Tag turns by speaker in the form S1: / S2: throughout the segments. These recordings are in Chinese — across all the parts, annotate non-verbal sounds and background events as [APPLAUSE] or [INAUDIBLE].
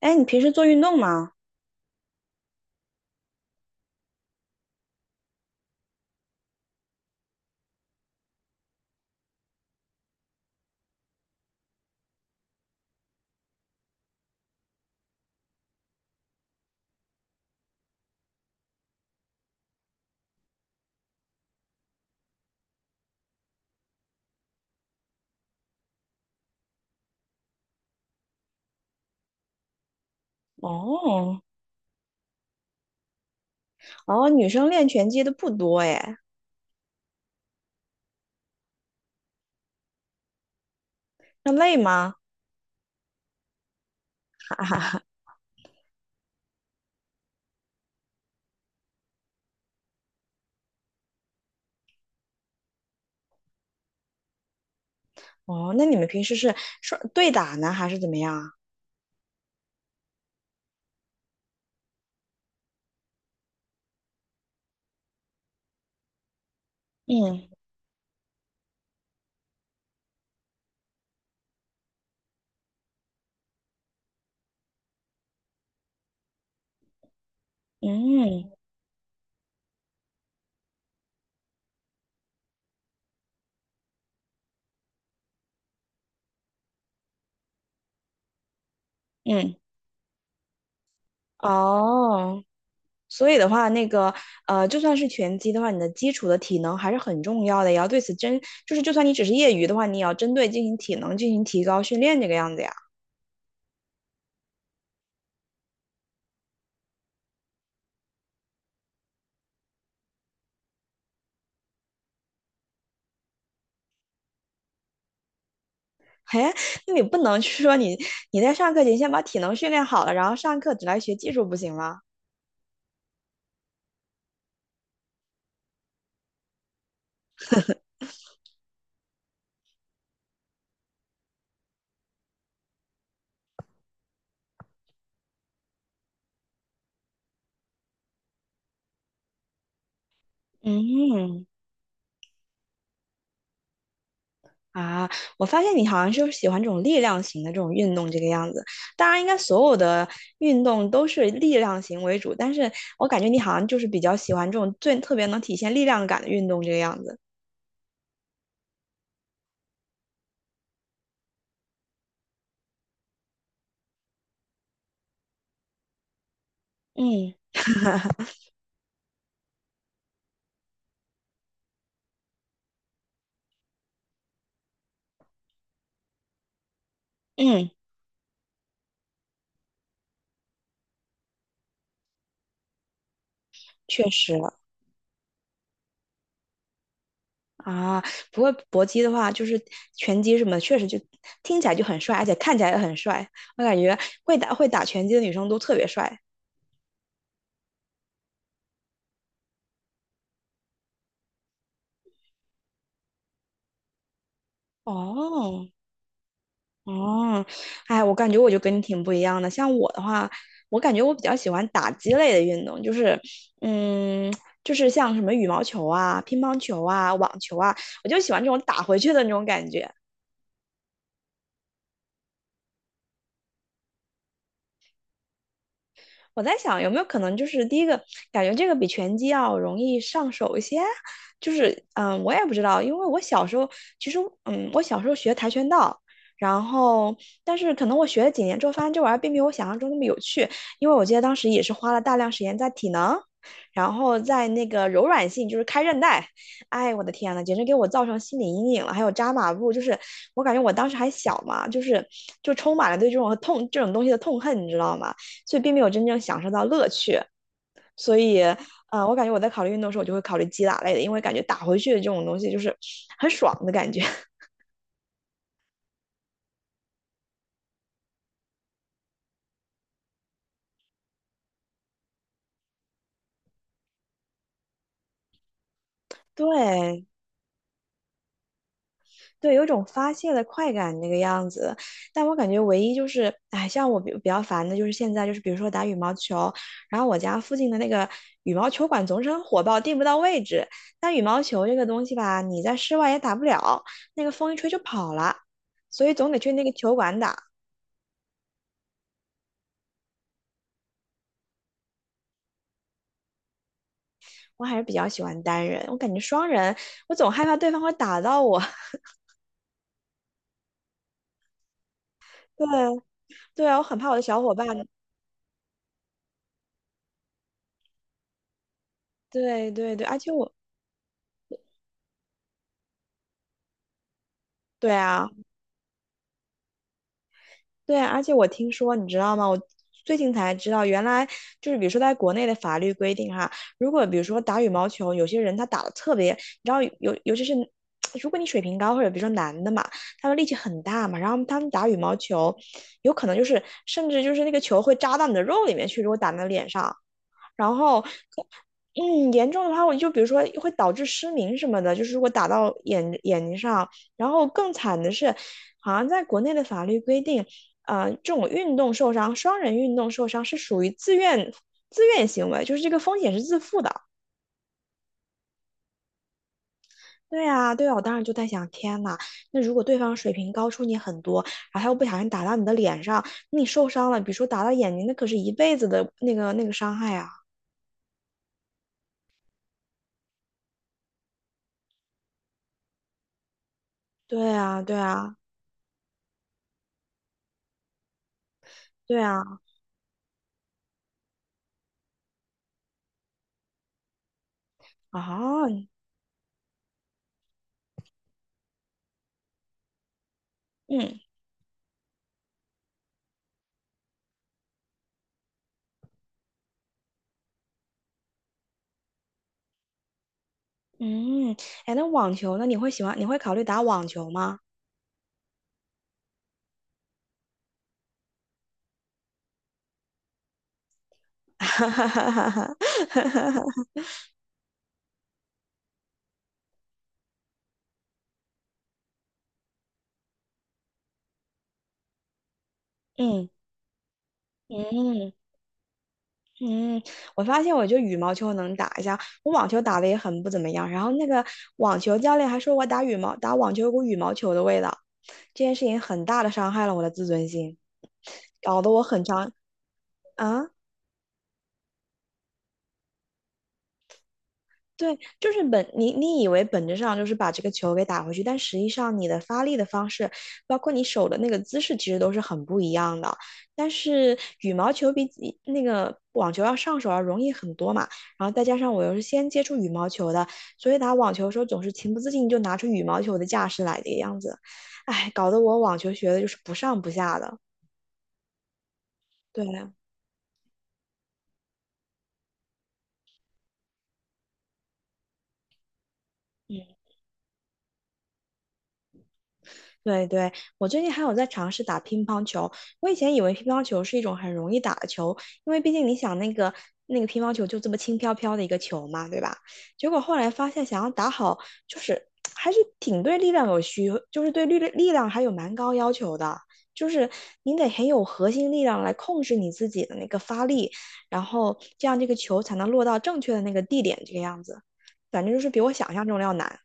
S1: 哎，你平时做运动吗？哦，哦，女生练拳击的不多哎，那累吗？[LAUGHS] 哈哈哈。哦，那你们平时是说对打呢，还是怎么样啊？嗯嗯嗯，哦，所以的话，那个就算是拳击的话，你的基础的体能还是很重要的，也要对此针，就是就算你只是业余的话，你也要针对进行体能进行提高训练这个样子呀。嘿，那你不能去说你在上课前先把体能训练好了，然后上课只来学技术不行吗？嗯啊，我发现你好像就是喜欢这种力量型的这种运动这个样子。当然，应该所有的运动都是力量型为主，但是我感觉你好像就是比较喜欢这种最特别能体现力量感的运动这个样子。嗯嗯，确实啊。不过搏击的话，就是拳击什么的，确实就听起来就很帅，而且看起来也很帅。我感觉会打拳击的女生都特别帅。哦，哦，哎，我感觉我就跟你挺不一样的。像我的话，我感觉我比较喜欢打击类的运动，就是，嗯，就是像什么羽毛球啊、乒乓球啊、网球啊，我就喜欢这种打回去的那种感觉。我在想有没有可能就是第一个感觉这个比拳击要容易上手一些，就是嗯，我也不知道，因为我小时候其实嗯，我小时候学跆拳道。然后，但是可能我学了几年之后，发现这玩意儿并没有我想象中那么有趣，因为我记得当时也是花了大量时间在体能，然后在那个柔软性，就是开韧带，哎，我的天呐，简直给我造成心理阴影了。还有扎马步，就是我感觉我当时还小嘛，就是就充满了对这种痛这种东西的痛恨，你知道吗？所以并没有真正享受到乐趣。所以，我感觉我在考虑运动的时候，我就会考虑击打类的，因为感觉打回去的这种东西就是很爽的感觉。[LAUGHS] 对对，有一种发泄的快感那个样子。但我感觉唯一就是，哎，像我比较烦的就是现在就是，比如说打羽毛球，然后我家附近的那个羽毛球馆总是很火爆，订不到位置。但羽毛球这个东西吧，你在室外也打不了，那个风一吹就跑了，所以总得去那个球馆打。我还是比较喜欢单人，我感觉双人，我总害怕对方会打到我。[LAUGHS] 对对啊，我很怕我的小伙伴。对对对，而且我，对啊，对啊，而且我听说，你知道吗？我最近才知道，原来就是比如说在国内的法律规定哈，如果比如说打羽毛球，有些人他打的特别，你知道，尤其是如果你水平高，或者比如说男的嘛，他们力气很大嘛，然后他们打羽毛球，有可能就是甚至就是那个球会扎到你的肉里面去，如果打在脸上。然后可嗯，严重的话，我就比如说会导致失明什么的，就是如果打到眼睛上，然后更惨的是，好像在国内的法律规定，这种运动受伤，双人运动受伤是属于自愿行为，就是这个风险是自负的。对啊，对啊，我当时就在想，天呐，那如果对方水平高出你很多，然后他又不小心打到你的脸上，那你受伤了，比如说打到眼睛，那可是一辈子的那个那个伤害啊。对啊，对啊，对啊，啊，嗯嗯，哎，那网球呢？你会喜欢？你会考虑打网球吗？[LAUGHS] 嗯嗯嗯，我发现我就羽毛球能打一下，我网球打的也很不怎么样。然后那个网球教练还说我打羽毛打网球有股羽毛球的味道，这件事情很大的伤害了我的自尊心，搞得我很伤啊。对，就是本你你以为本质上就是把这个球给打回去，但实际上你的发力的方式，包括你手的那个姿势，其实都是很不一样的。但是羽毛球比起那个网球要上手要容易很多嘛，然后再加上我又是先接触羽毛球的，所以打网球的时候总是情不自禁就拿出羽毛球的架势来这个样子，哎，搞得我网球学的就是不上不下的。对，嗯。对对，我最近还有在尝试打乒乓球。我以前以为乒乓球是一种很容易打的球，因为毕竟你想那个那个乒乓球就这么轻飘飘的一个球嘛，对吧？结果后来发现，想要打好，就是还是挺对力量有需，就是对力量还有蛮高要求的。就是你得很有核心力量来控制你自己的那个发力，然后这样这个球才能落到正确的那个地点，这个样子。反正就是比我想象中的要难。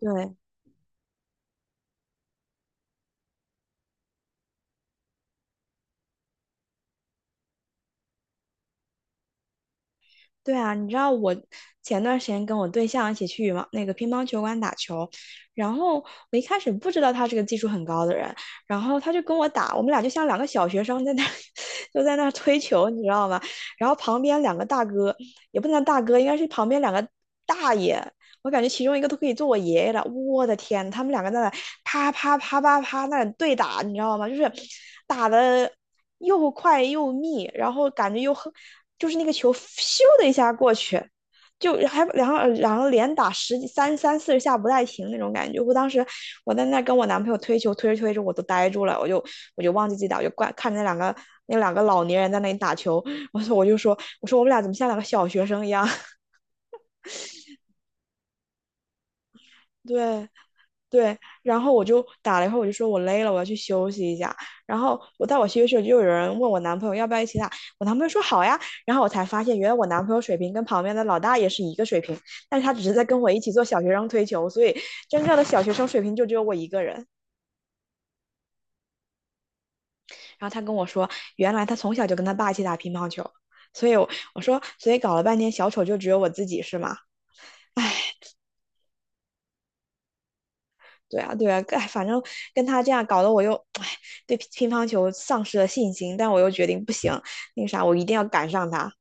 S1: 对，对啊，你知道我前段时间跟我对象一起去羽毛那个乒乓球馆打球，然后我一开始不知道他是个技术很高的人，然后他就跟我打，我们俩就像两个小学生在那 [LAUGHS] 就在那推球，你知道吗？然后旁边两个大哥，也不能叫大哥，应该是旁边两个大爷，我感觉其中一个都可以做我爷爷了，我的天，他们两个在那啪啪啪啪啪那对打，你知道吗？就是打的又快又密，然后感觉又很就是那个球咻的一下过去，就还然后连打十几三四十下不带停那种感觉。我当时我在那跟我男朋友推球，推着推着我都呆住了，我就忘记自己打，我就怪看着那两个那两个老年人在那里打球，我说我们俩怎么像两个小学生一样？[LAUGHS] 对。对，然后我就打了一会儿，我就说我累了，我要去休息一下。然后我在我休息的时候，就有人问我男朋友要不要一起打，我男朋友说好呀。然后我才发现，原来我男朋友水平跟旁边的老大爷是一个水平，但是他只是在跟我一起做小学生推球，所以真正的小学生水平就只有我一个人。然后他跟我说，原来他从小就跟他爸一起打乒乓球，所以我说，所以搞了半天小丑就只有我自己是吗？[LAUGHS] 对啊，对啊，哎，反正跟他这样搞得我又，哎，对乒乓球丧失了信心，但我又决定不行，那个啥，我一定要赶上他。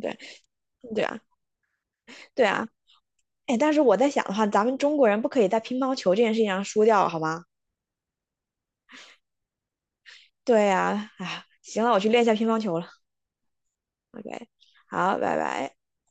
S1: 对，对啊，对啊，哎，但是我在想的话，咱们中国人不可以在乒乓球这件事情上输掉，好吗？对啊，哎，行了，我去练一下乒乓球了。OK，好，拜拜。